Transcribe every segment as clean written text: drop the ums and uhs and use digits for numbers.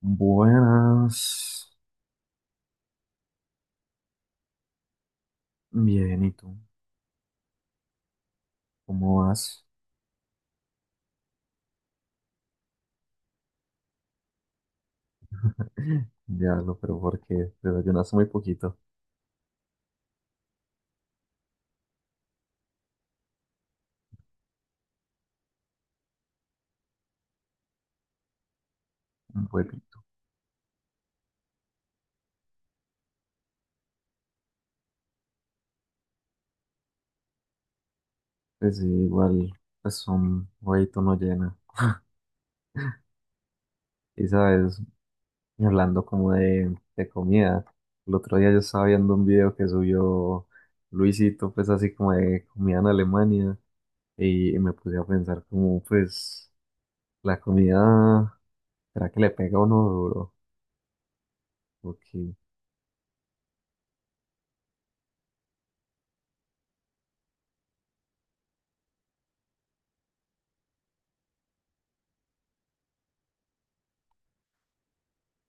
Buenas. Bien, ¿y tú? ¿Cómo vas? Diablo, pero porque desayunaste muy poquito, un huevito. Pues sí, igual, pues un huevito no llena. Y sabes, y hablando como de comida, el otro día yo estaba viendo un video que subió Luisito, pues así como de comida en Alemania, y me puse a pensar como, pues, la comida, ¿será que le pega a uno duro? Ok,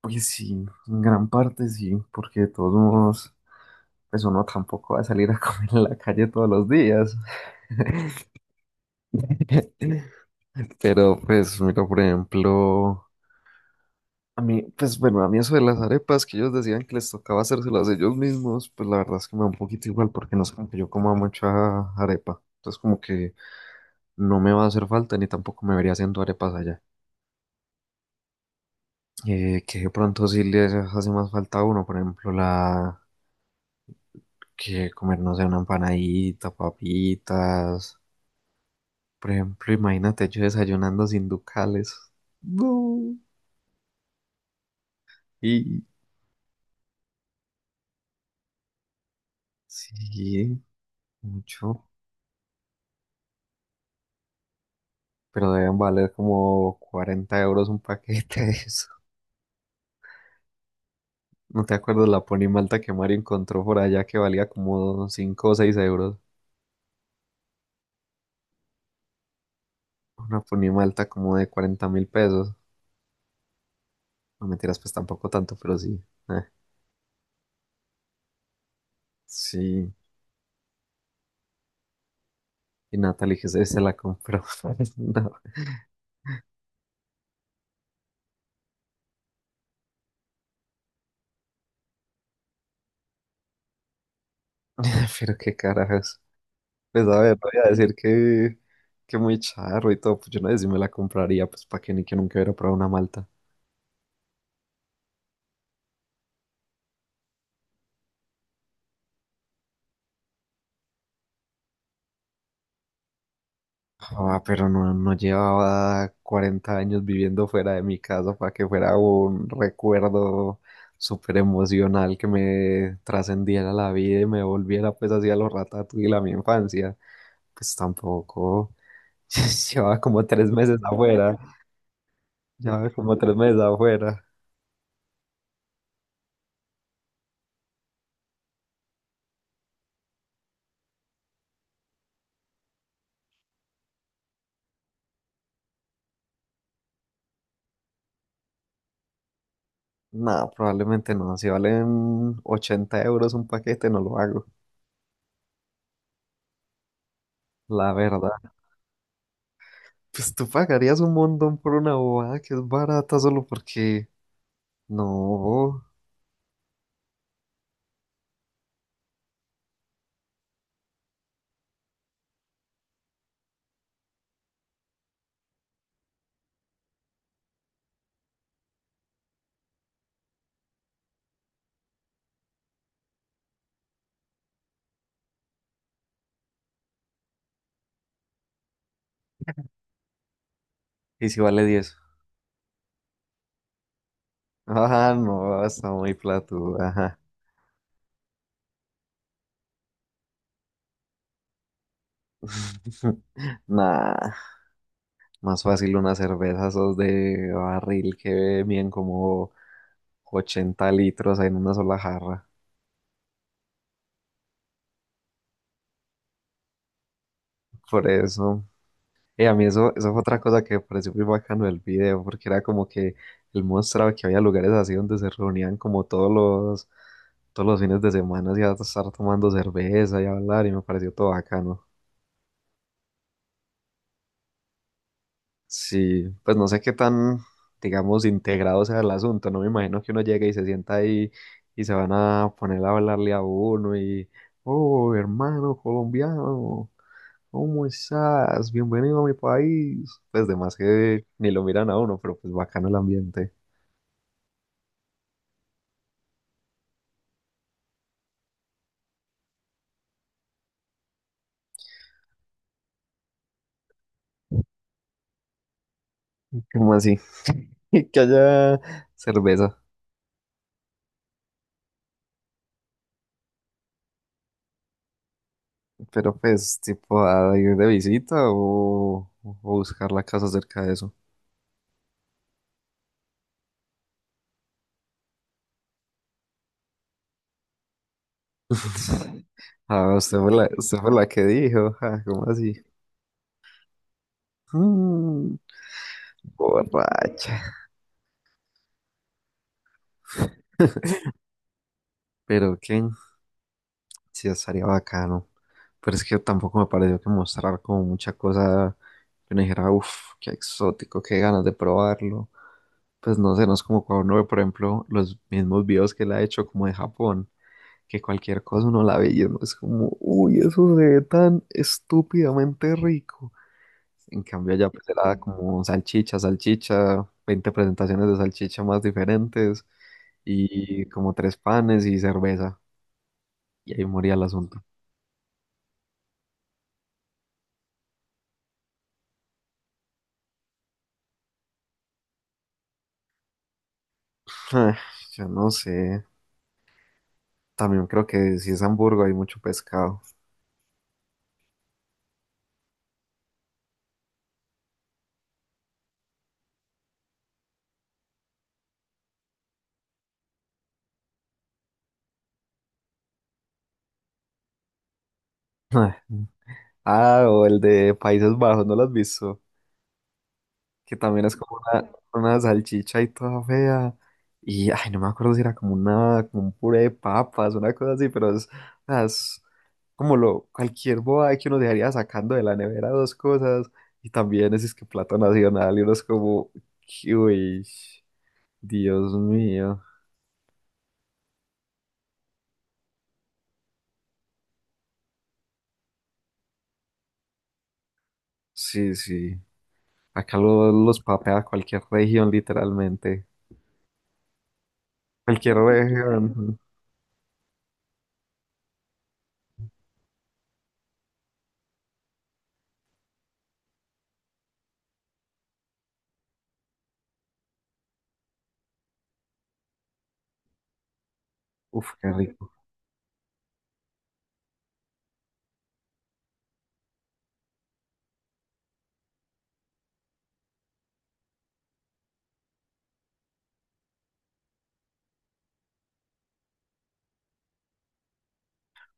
pues sí, en gran parte sí, porque de todos modos, pues uno tampoco va a salir a comer en la calle todos los días. Pero pues, mira, por ejemplo, a mí, pues bueno, a mí eso de las arepas que ellos decían que les tocaba hacérselas ellos mismos, pues la verdad es que me da un poquito igual porque no es como que yo coma mucha arepa. Entonces como que no me va a hacer falta ni tampoco me vería haciendo arepas allá. Que de pronto sí les hace más falta a uno, por ejemplo, la... que comernos una empanadita, papitas. Por ejemplo, imagínate yo desayunando sin ducales. No. Y sí, mucho. Pero deben valer como 40 euros un paquete de eso. ¿No te acuerdas la ponimalta que Mario encontró por allá que valía como 5 o 6 euros? Una ponimalta como de 40 mil pesos. No mentiras, pues tampoco tanto, pero sí. Eh, sí. Y Natalie que se la compró. No, pero qué carajos. Pues a ver, no voy a decir que muy charro y todo, pues yo no sé si me la compraría, pues para que ni que nunca hubiera probado una malta. Ah, pero no llevaba 40 años viviendo fuera de mi casa para que fuera un recuerdo súper emocional que me trascendiera la vida y me volviera pues hacia los ratatouille a mi infancia. Pues tampoco, llevaba como 3 meses afuera, llevaba como tres meses afuera. No, probablemente no. Si valen 80 euros un paquete, no lo hago. La verdad. Pues tú pagarías un montón por una bobada que es barata solo porque... No. ¿Y si vale 10, ah, no, está muy platuda. Ajá. Nah, más fácil una cerveza esos de barril que bien como 80 litros en una sola jarra. Por eso. A mí eso, eso fue otra cosa que me pareció muy bacano del video, porque era como que él mostraba que había lugares así donde se reunían como todos los fines de semana y a estar tomando cerveza y hablar, y me pareció todo bacano. Sí, pues no sé qué tan, digamos, integrado sea el asunto, no me imagino que uno llegue y se sienta ahí y se van a poner a hablarle a uno y, oh, hermano colombiano. ¿Cómo estás? Bienvenido a mi país. Pues de más que ni lo miran a uno, pero pues bacano el ambiente. ¿Cómo así? Que haya cerveza. Pero pues, tipo, a ir de visita o buscar la casa cerca de eso. Ah, usted fue la que dijo. Ah, ¿cómo así? Mm, borracha. Pero que sí estaría bacano. Pero es que tampoco me pareció que mostrar como mucha cosa que uno dijera, uff, qué exótico, qué ganas de probarlo. Pues no sé, no es como cuando uno ve, por ejemplo, los mismos videos que él ha hecho como de Japón, que cualquier cosa uno la ve y uno es como, uy, eso se ve tan estúpidamente rico. En cambio allá pues era como salchicha, salchicha, 20 presentaciones de salchicha más diferentes y como tres panes y cerveza. Y ahí moría el asunto. Ah, yo no sé. También creo que si es Hamburgo hay mucho pescado. Ah, ah, o el de Países Bajos, ¿no lo has visto? Que también es como una salchicha y toda fea. Y, ay, no me acuerdo si era como una, como un puré de papas, una cosa así, pero es, o sea, es como lo, cualquier boba que uno dejaría sacando de la nevera dos cosas. Y también es que plato nacional y uno es como, uy, Dios mío. Sí, sí. Acá lo- los papea cualquier región, literalmente. Cualquier región. Uf, qué rico.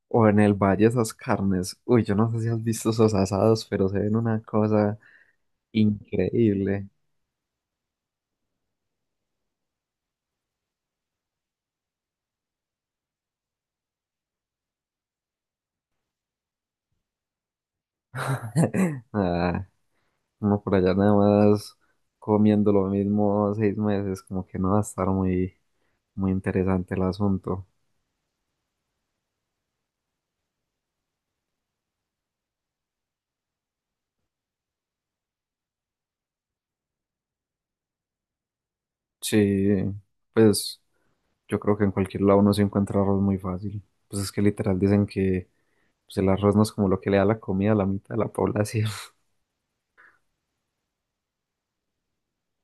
O en el valle esas carnes. Uy, yo no sé si has visto esos asados, pero se ven una cosa increíble. Ah, uno por allá nada más comiendo lo mismo 6 meses, como que no va a estar muy, muy interesante el asunto. Sí, pues yo creo que en cualquier lado uno se encuentra arroz muy fácil. Pues es que literal dicen que pues, el arroz no es como lo que le da la comida a la mitad de la población.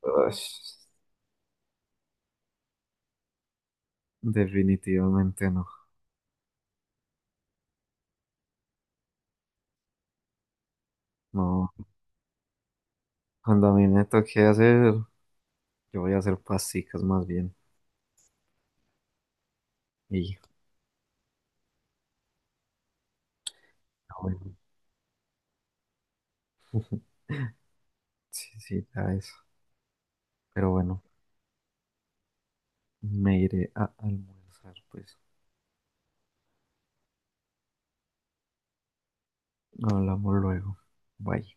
Ush, definitivamente no. No, cuando a mí me toque hacer. Yo voy a hacer pasticas más bien. Y ah, bueno, sí, sí, ya eso. Pero bueno, me iré a almorzar, pues. Hablamos luego. Bye.